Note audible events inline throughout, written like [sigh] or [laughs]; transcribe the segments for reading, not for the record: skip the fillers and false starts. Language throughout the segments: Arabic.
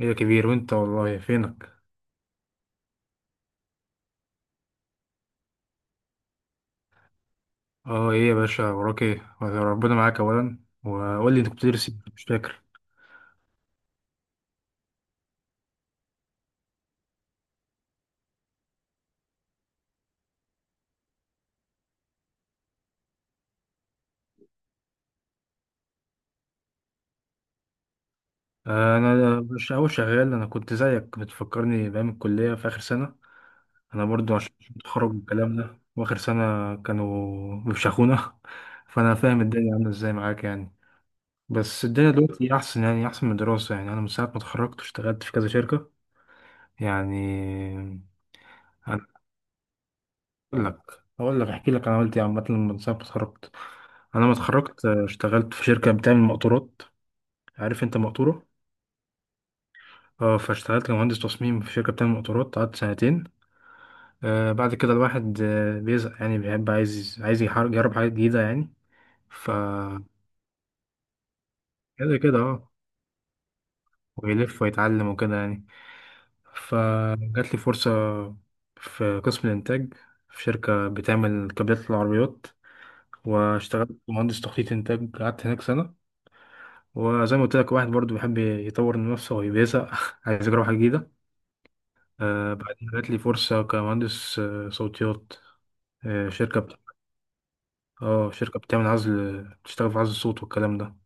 ايه يا كبير، وانت والله فينك؟ اه، ايه يا باشا وراك ايه؟ ربنا معاك اولا. وقول لي انت كنت بتدرس ايه؟ مش فاكر. انا مش اول شغال. انا كنت زيك، بتفكرني بايام الكليه في اخر سنه. انا برضو عشان اتخرج من الكلام ده. واخر سنه كانوا بيفشخونا [laughs] فانا فاهم الدنيا عامله ازاي معاك يعني. بس الدنيا دلوقتي احسن يعني، احسن من الدراسه. يعني انا من ساعه ما اتخرجت اشتغلت في كذا شركه، يعني. اقول لك احكي لك انا عملت ايه عامه من ساعه ما اتخرجت. انا ما اتخرجت، اشتغلت في شركه بتعمل مقطورات. عارف انت مقطوره؟ اه فاشتغلت كمهندس تصميم في شركه بتعمل مقطورات، قعدت سنتين. بعد كده الواحد بيزهق، يعني بيحب، عايز يجرب حاجات جديده يعني. ف كده كده، اه. ويلف ويتعلم وكده يعني. فجات لي فرصه في قسم الانتاج، في شركه بتعمل كابلات العربيات. واشتغلت مهندس تخطيط انتاج، قعدت هناك سنه. وزي ما قلت لك، واحد برضو بيحب يطور من نفسه ويبيسع [laughs] عايز يجرب حاجة جديدة. بعدين جات لي فرصة كمهندس صوتيات. شركة اه، شركة بتعمل عزل، بتشتغل في عزل الصوت والكلام ده.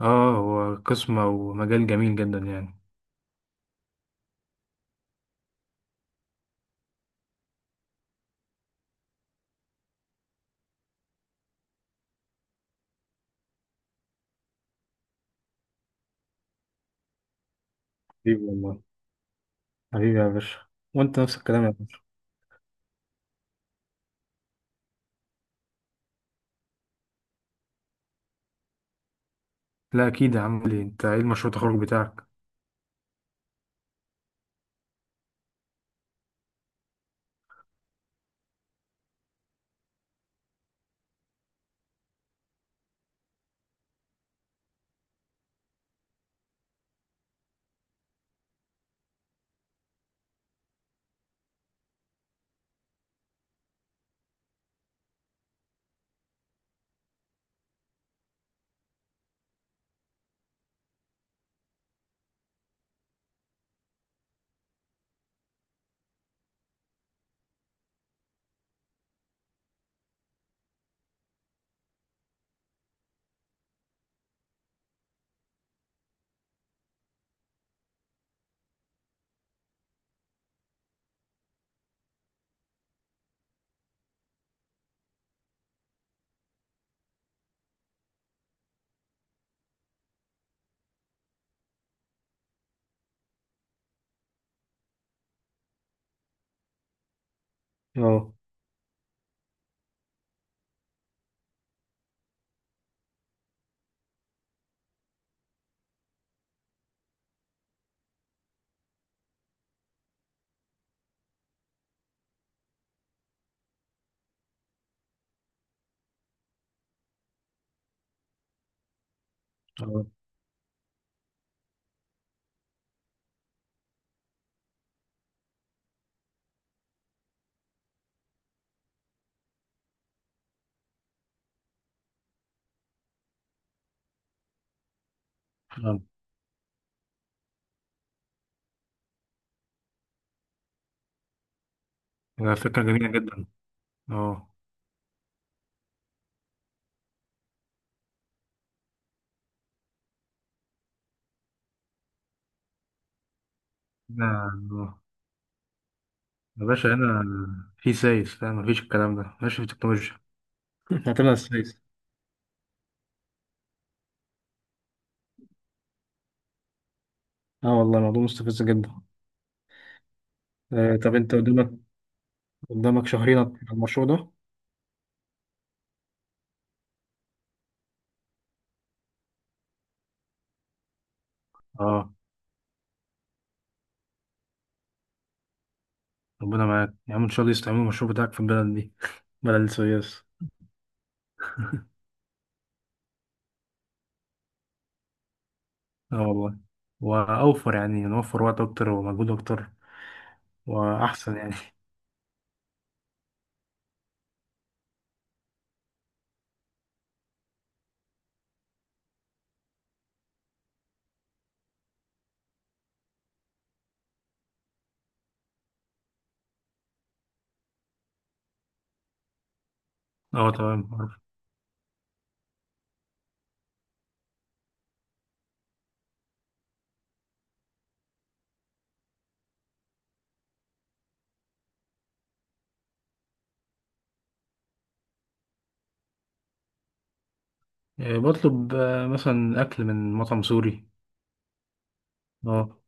اه، هو قسم ومجال جميل جدا يعني. حبيبي والله. حبيبي يا باشا. وانت نفس الكلام يا باشا. لا اكيد يا عم، ليه؟ انت ايه المشروع التخرج بتاعك؟ اه. اه. آه، فكرة جميلة جدا. اه. لا، آه. يا باشا هنا في سايس فاهم، مفيش الكلام ده ماشي في التكنولوجيا. هتبقى السايس. اه والله، الموضوع مستفز جدا. طب انت قدامك شهرين على المشروع ده. اه، ربنا معاك يا عم. ان شاء الله يستعملوا المشروع بتاعك في البلد دي [laughs] بلد السويس. اه والله. واوفر يعني، نوفر وقت اكتر ومجهود اكتر. واحسن يعني. [laughs] اه تمام، عارف. بطلب مثلا اكل من مطعم سوري. اه.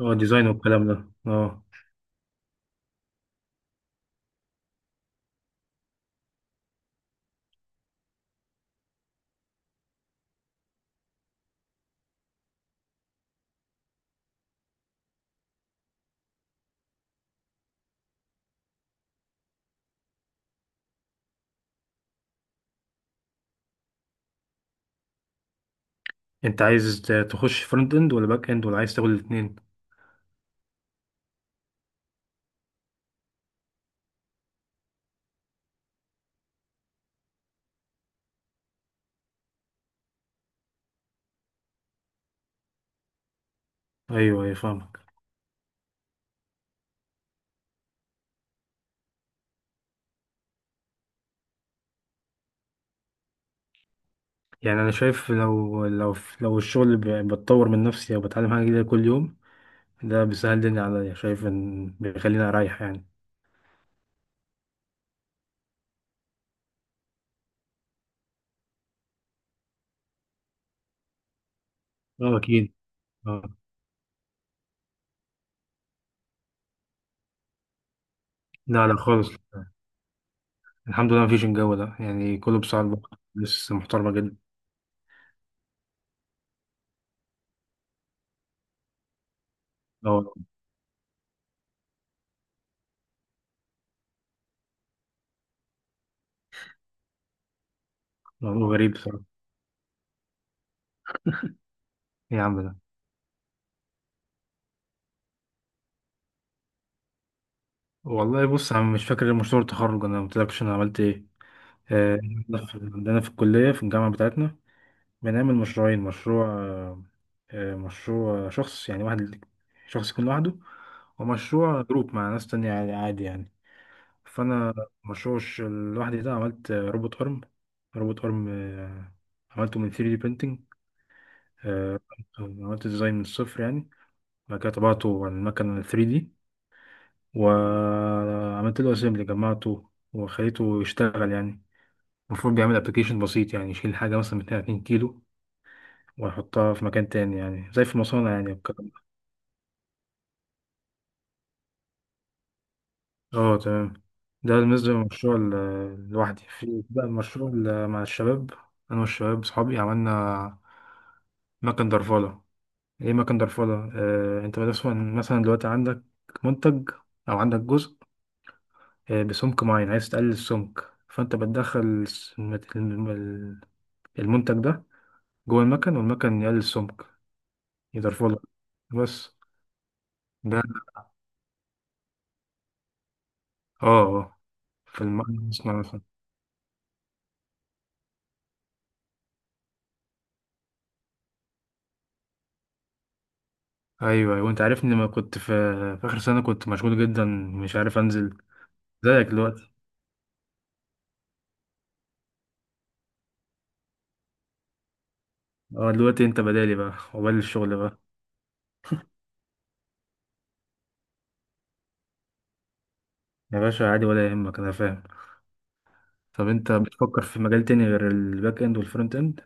اه، ديزاين والكلام ده، اه. انت عايز تخش فرونت اند ولا باك اند، ولا عايز تاخد الاثنين؟ ايوه، ايوه فاهم. يعني انا شايف، لو الشغل بتطور من نفسي او بتعلم حاجه جديده كل يوم، ده بيسهل الدنيا عليا. شايف ان بيخليني اريح يعني. اه اكيد. اه. لا لا خالص. الحمد لله مفيش الجو ده، يعني كله بصعب. لسه محترمه جدا. اه، موضوع غريب بصراحه. ايه يا عم ده؟ والله بص، انا مش فاكر غير مشروع التخرج. انا ما قلتلكش انا عملت ايه. عندنا في الكليه، في الجامعه بتاعتنا، بنعمل مشروعين. مشروع مشروع شخص يعني، واحد شخص يكون لوحده. ومشروع جروب مع ناس تانية، عادي عادي يعني. فأنا مشروع لوحدي ده، عملت روبوت أرم. روبوت أرم، عملته من 3D printing. آه، عملت ديزاين من الصفر يعني. بعد كده طبعته على المكنة 3D. وعملت له أسمبلي، جمعته وخليته يشتغل يعني. المفروض بيعمل أبلكيشن بسيط، يعني يشيل حاجة مثلا من 2 كيلو، وأحطها في مكان تاني، يعني زي في مصانع يعني والكلام ده. اه تمام. ده بالنسبة للمشروع لوحدي. في بقى المشروع مع الشباب. أنا والشباب صحابي عملنا مكن درفالة. إيه مكن درفالة؟ آه، أنت مثلا، دلوقتي عندك منتج، أو عندك جزء بسمك معين، عايز تقلل السمك، فأنت بتدخل المنتج ده جوه المكن، والمكن يقلل السمك، يدرفله بس. ده اه. اه، في المصنع. ايوه ايوه، انت عارفني لما كنت في، اخر سنه كنت مشغول جدا، مش عارف انزل زيك دلوقتي. اه، دلوقتي انت بدالي بقى، وبدل الشغل بقى. يا باشا عادي، ولا يهمك، انا فاهم. طب انت بتفكر في مجال تاني غير الباك اند والفرونت اند؟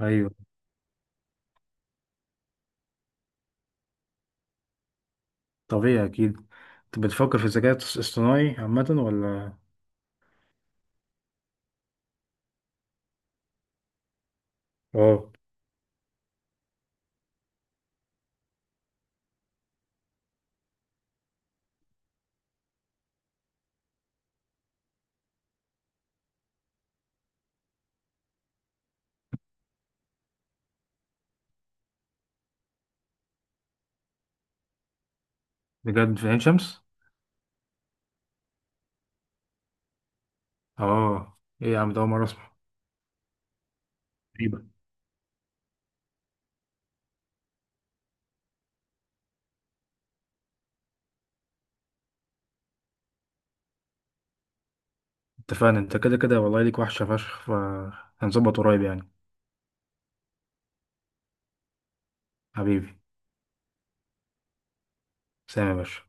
ايوه. طبيعي اكيد. انت بتفكر في الذكاء الاصطناعي عامه، ولا؟ اه. بجد في عين شمس؟ اه ايه يا عم ده، اول مره اسمع. غريبه. اتفقنا. انت كده كده والله، ليك وحشه فشخ، فهنظبط قريب يعني. حبيبي. سلام يا باشا.